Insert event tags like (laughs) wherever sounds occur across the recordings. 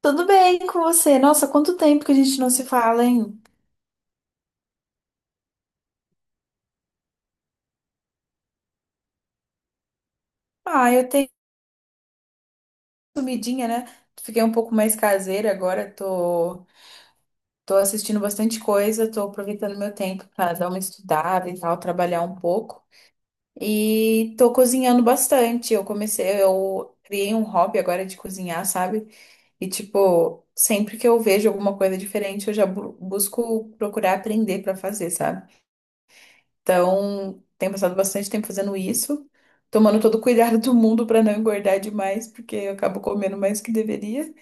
Tudo bem com você? Nossa, quanto tempo que a gente não se fala, hein? Ah, eu tenho sumidinha, né? Fiquei um pouco mais caseira agora, tô assistindo bastante coisa, tô aproveitando meu tempo para dar uma estudada e tal, trabalhar um pouco. E tô cozinhando bastante. Eu comecei, eu criei um hobby agora de cozinhar, sabe? E tipo, sempre que eu vejo alguma coisa diferente, eu já busco procurar aprender para fazer, sabe? Então, tenho passado bastante tempo fazendo isso, tomando todo o cuidado do mundo para não engordar demais, porque eu acabo comendo mais que deveria.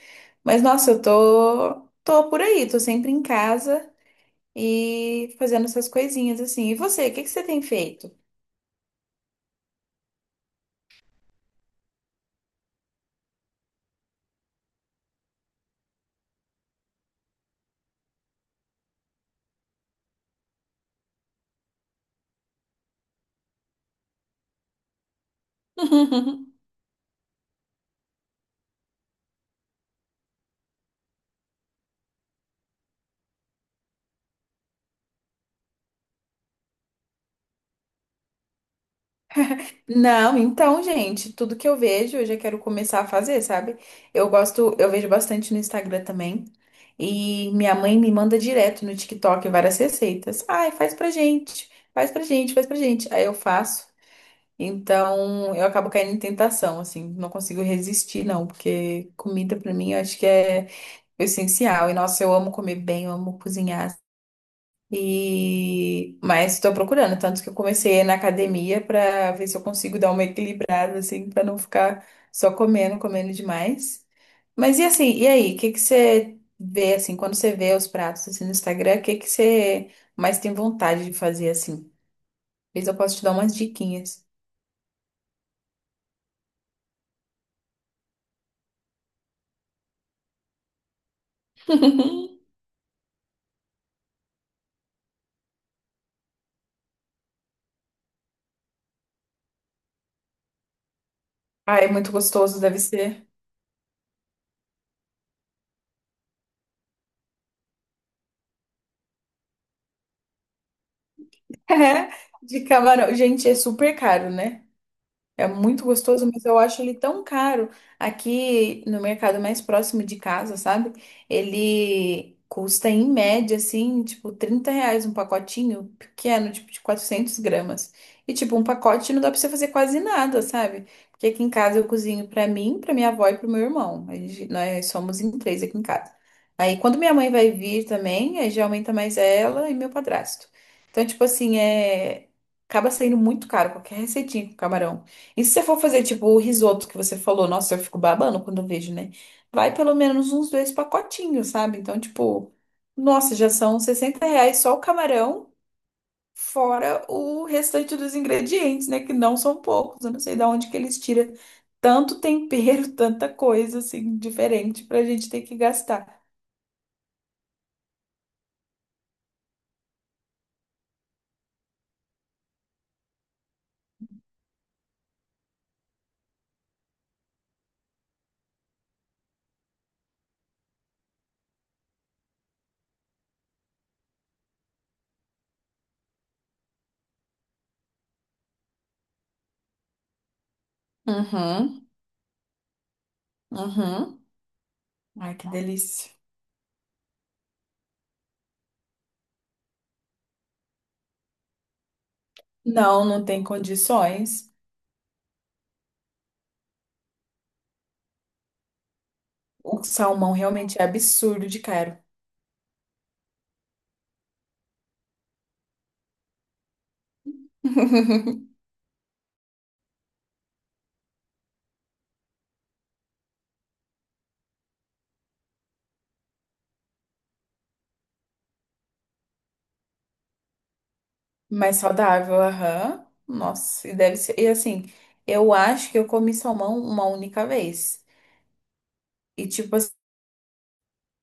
Mas nossa, eu tô por aí, tô sempre em casa e fazendo essas coisinhas assim. E você, o que que você tem feito? (laughs) Não, então, gente, tudo que eu vejo, eu já quero começar a fazer, sabe? Eu gosto, eu vejo bastante no Instagram também. E minha mãe me manda direto no TikTok várias receitas. Ai, faz pra gente, faz pra gente, faz pra gente. Aí eu faço. Então, eu acabo caindo em tentação, assim, não consigo resistir, não, porque comida pra mim eu acho que é o essencial. E nossa, eu amo comer bem, eu amo cozinhar, e mas estou procurando, tanto que eu comecei na academia para ver se eu consigo dar uma equilibrada assim, para não ficar só comendo, comendo demais. Mas e assim, e aí, o que que você vê assim, quando você vê os pratos assim no Instagram, o que que você mais tem vontade de fazer assim? Talvez eu possa te dar umas diquinhas. (laughs) Ah, é muito gostoso, deve ser. (laughs) De camarão. Gente, é super caro, né? É muito gostoso, mas eu acho ele tão caro. Aqui no mercado mais próximo de casa, sabe? Ele custa em média, assim, tipo, R$ 30 um pacotinho pequeno, tipo, de 400 gramas. E, tipo, um pacote não dá pra você fazer quase nada, sabe? Porque aqui em casa eu cozinho pra mim, pra minha avó e pro meu irmão. A gente- nós somos em três aqui em casa. Aí, quando minha mãe vai vir também, aí já aumenta mais ela e meu padrasto. Então, tipo assim, acaba saindo muito caro qualquer receitinha com camarão. E se você for fazer, tipo, o risoto que você falou, nossa, eu fico babando quando eu vejo, né? Vai pelo menos uns dois pacotinhos, sabe? Então, tipo, nossa, já são R$ 60 só o camarão, fora o restante dos ingredientes, né? Que não são poucos. Eu não sei de onde que eles tiram tanto tempero, (laughs) tanta coisa, assim, diferente pra gente ter que gastar. Uhum, uhum. Que delícia. Não, não tem condições. O salmão realmente é absurdo de caro. (laughs) Mais saudável, aham. Nossa, e deve ser. E assim, eu acho que eu comi salmão uma única vez. E tipo assim,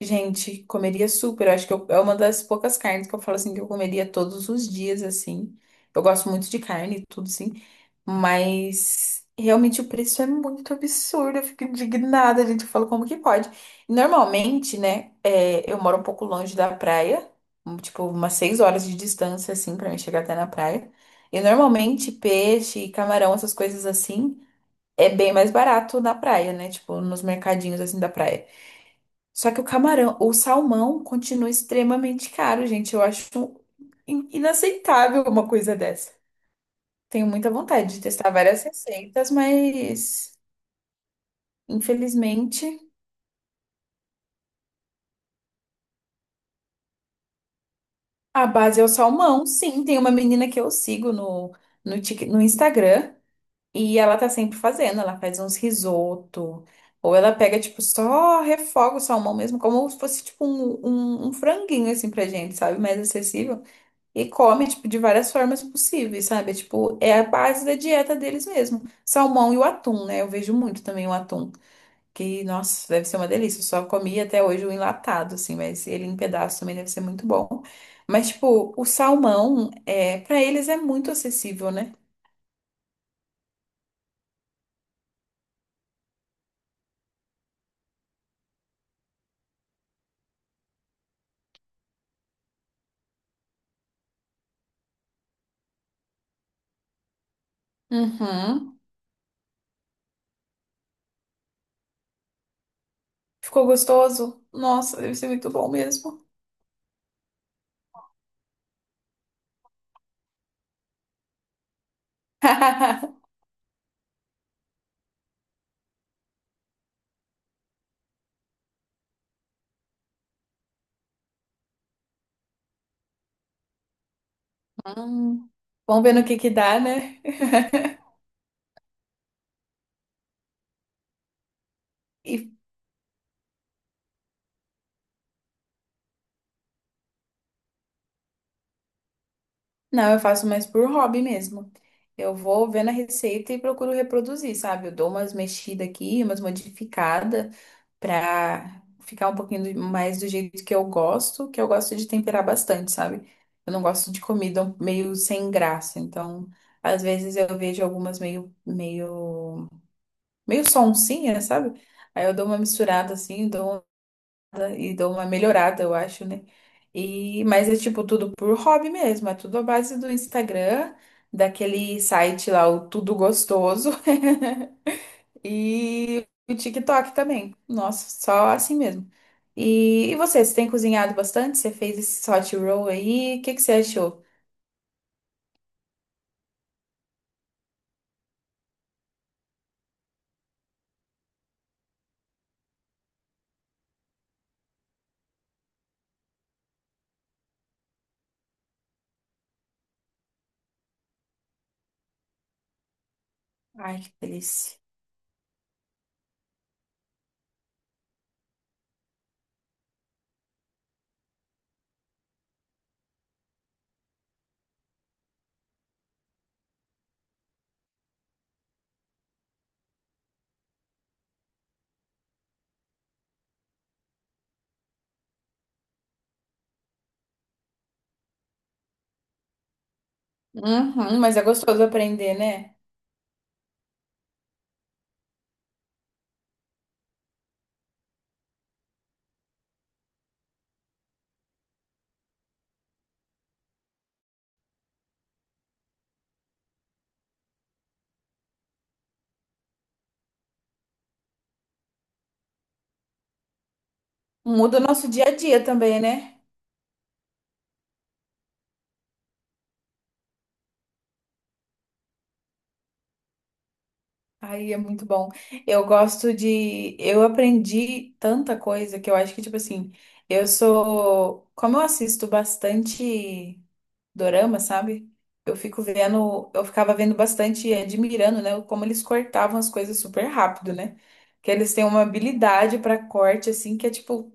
gente, comeria super. Eu acho que eu- é uma das poucas carnes que eu falo assim que eu comeria todos os dias, assim. Eu gosto muito de carne e tudo, sim. Mas realmente o preço é muito absurdo, eu fico indignada, gente. Eu falo como que pode. Normalmente, né, é, eu moro um pouco longe da praia, um, tipo umas 6 horas de distância, assim, pra mim chegar até na praia. E normalmente peixe, camarão, essas coisas assim, é bem mais barato na praia, né? Tipo, nos mercadinhos assim da praia. Só que o camarão, o salmão continua extremamente caro, gente. Eu acho inaceitável uma coisa dessa. Tenho muita vontade de testar várias receitas, mas infelizmente a base é o salmão. Sim, tem uma menina que eu sigo no Instagram e ela tá sempre fazendo. Ela faz uns risoto, ou ela pega, tipo, só refoga o salmão mesmo, como se fosse, tipo, um, um franguinho, assim, pra gente, sabe? Mais acessível. E come, tipo, de várias formas possíveis, sabe? É, tipo, é a base da dieta deles mesmo. Salmão e o atum, né? Eu vejo muito também o atum. Que, nossa, deve ser uma delícia. Eu só comi até hoje o enlatado, assim, mas ele em pedaço também deve ser muito bom. Mas, tipo, o salmão, é, para eles é muito acessível, né? Uhum. Ficou gostoso? Nossa, deve ser muito bom mesmo. (laughs) Hum. Vamos ver no que dá, né? E Não, eu faço mais por hobby mesmo. Eu vou vendo a receita e procuro reproduzir, sabe? Eu dou umas mexidas aqui, umas modificadas pra ficar um pouquinho mais do jeito que eu gosto de temperar bastante, sabe? Eu não gosto de comida meio sem graça, então às vezes eu vejo algumas meio meio sonsinha, sabe? Aí eu dou uma misturada assim, dou uma melhorada, eu acho, né? E, mas é tipo tudo por hobby mesmo, é tudo à base do Instagram, daquele site lá, o Tudo Gostoso, (laughs) e o TikTok também. Nossa, só assim mesmo. E você, você tem cozinhado bastante? Você fez esse hot roll aí? O que que você achou? Ai, que delícia. Uhum, mas é gostoso aprender, né? Muda o nosso dia a dia também, né? Ai, é muito bom. Eu gosto de. Eu aprendi tanta coisa que eu acho que, tipo assim, eu sou. Como eu assisto bastante dorama, sabe? Eu fico vendo. Eu ficava vendo bastante e admirando, né? Como eles cortavam as coisas super rápido, né? Que eles têm uma habilidade pra corte, assim, que é, tipo,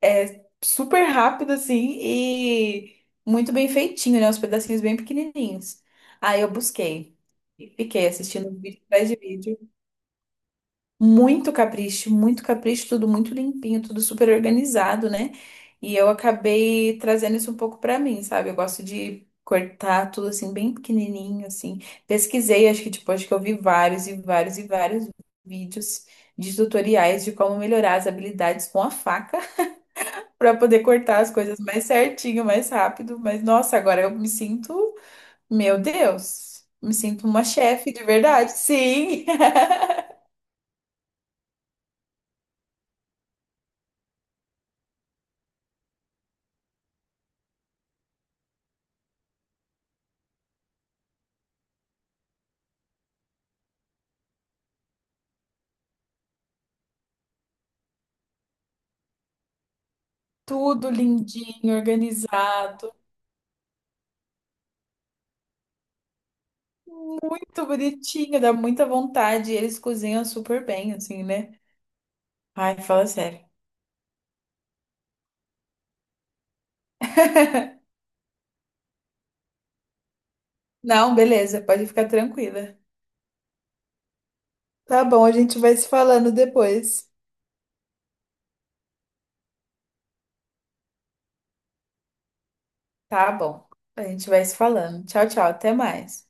é super rápido, assim, e muito bem feitinho, né? Os pedacinhos bem pequenininhos. Aí eu busquei. Fiquei assistindo vídeo atrás de vídeo. Muito capricho, tudo muito limpinho, tudo super organizado, né? E eu acabei trazendo isso um pouco pra mim, sabe? Eu gosto de cortar tudo assim, bem pequenininho, assim. Pesquisei, acho que tipo, acho que eu vi vários e vários e vários vídeos de tutoriais de como melhorar as habilidades com a faca (laughs) pra poder cortar as coisas mais certinho, mais rápido. Mas nossa, agora eu me sinto, meu Deus, me sinto uma chefe de verdade, sim. (laughs) Tudo lindinho, organizado. Muito bonitinho, dá muita vontade. Eles cozinham super bem, assim, né? Ai, fala sério. (laughs) Não, beleza, pode ficar tranquila. Tá bom, a gente vai se falando depois. Tá bom. A gente vai se falando. Tchau, tchau, até mais.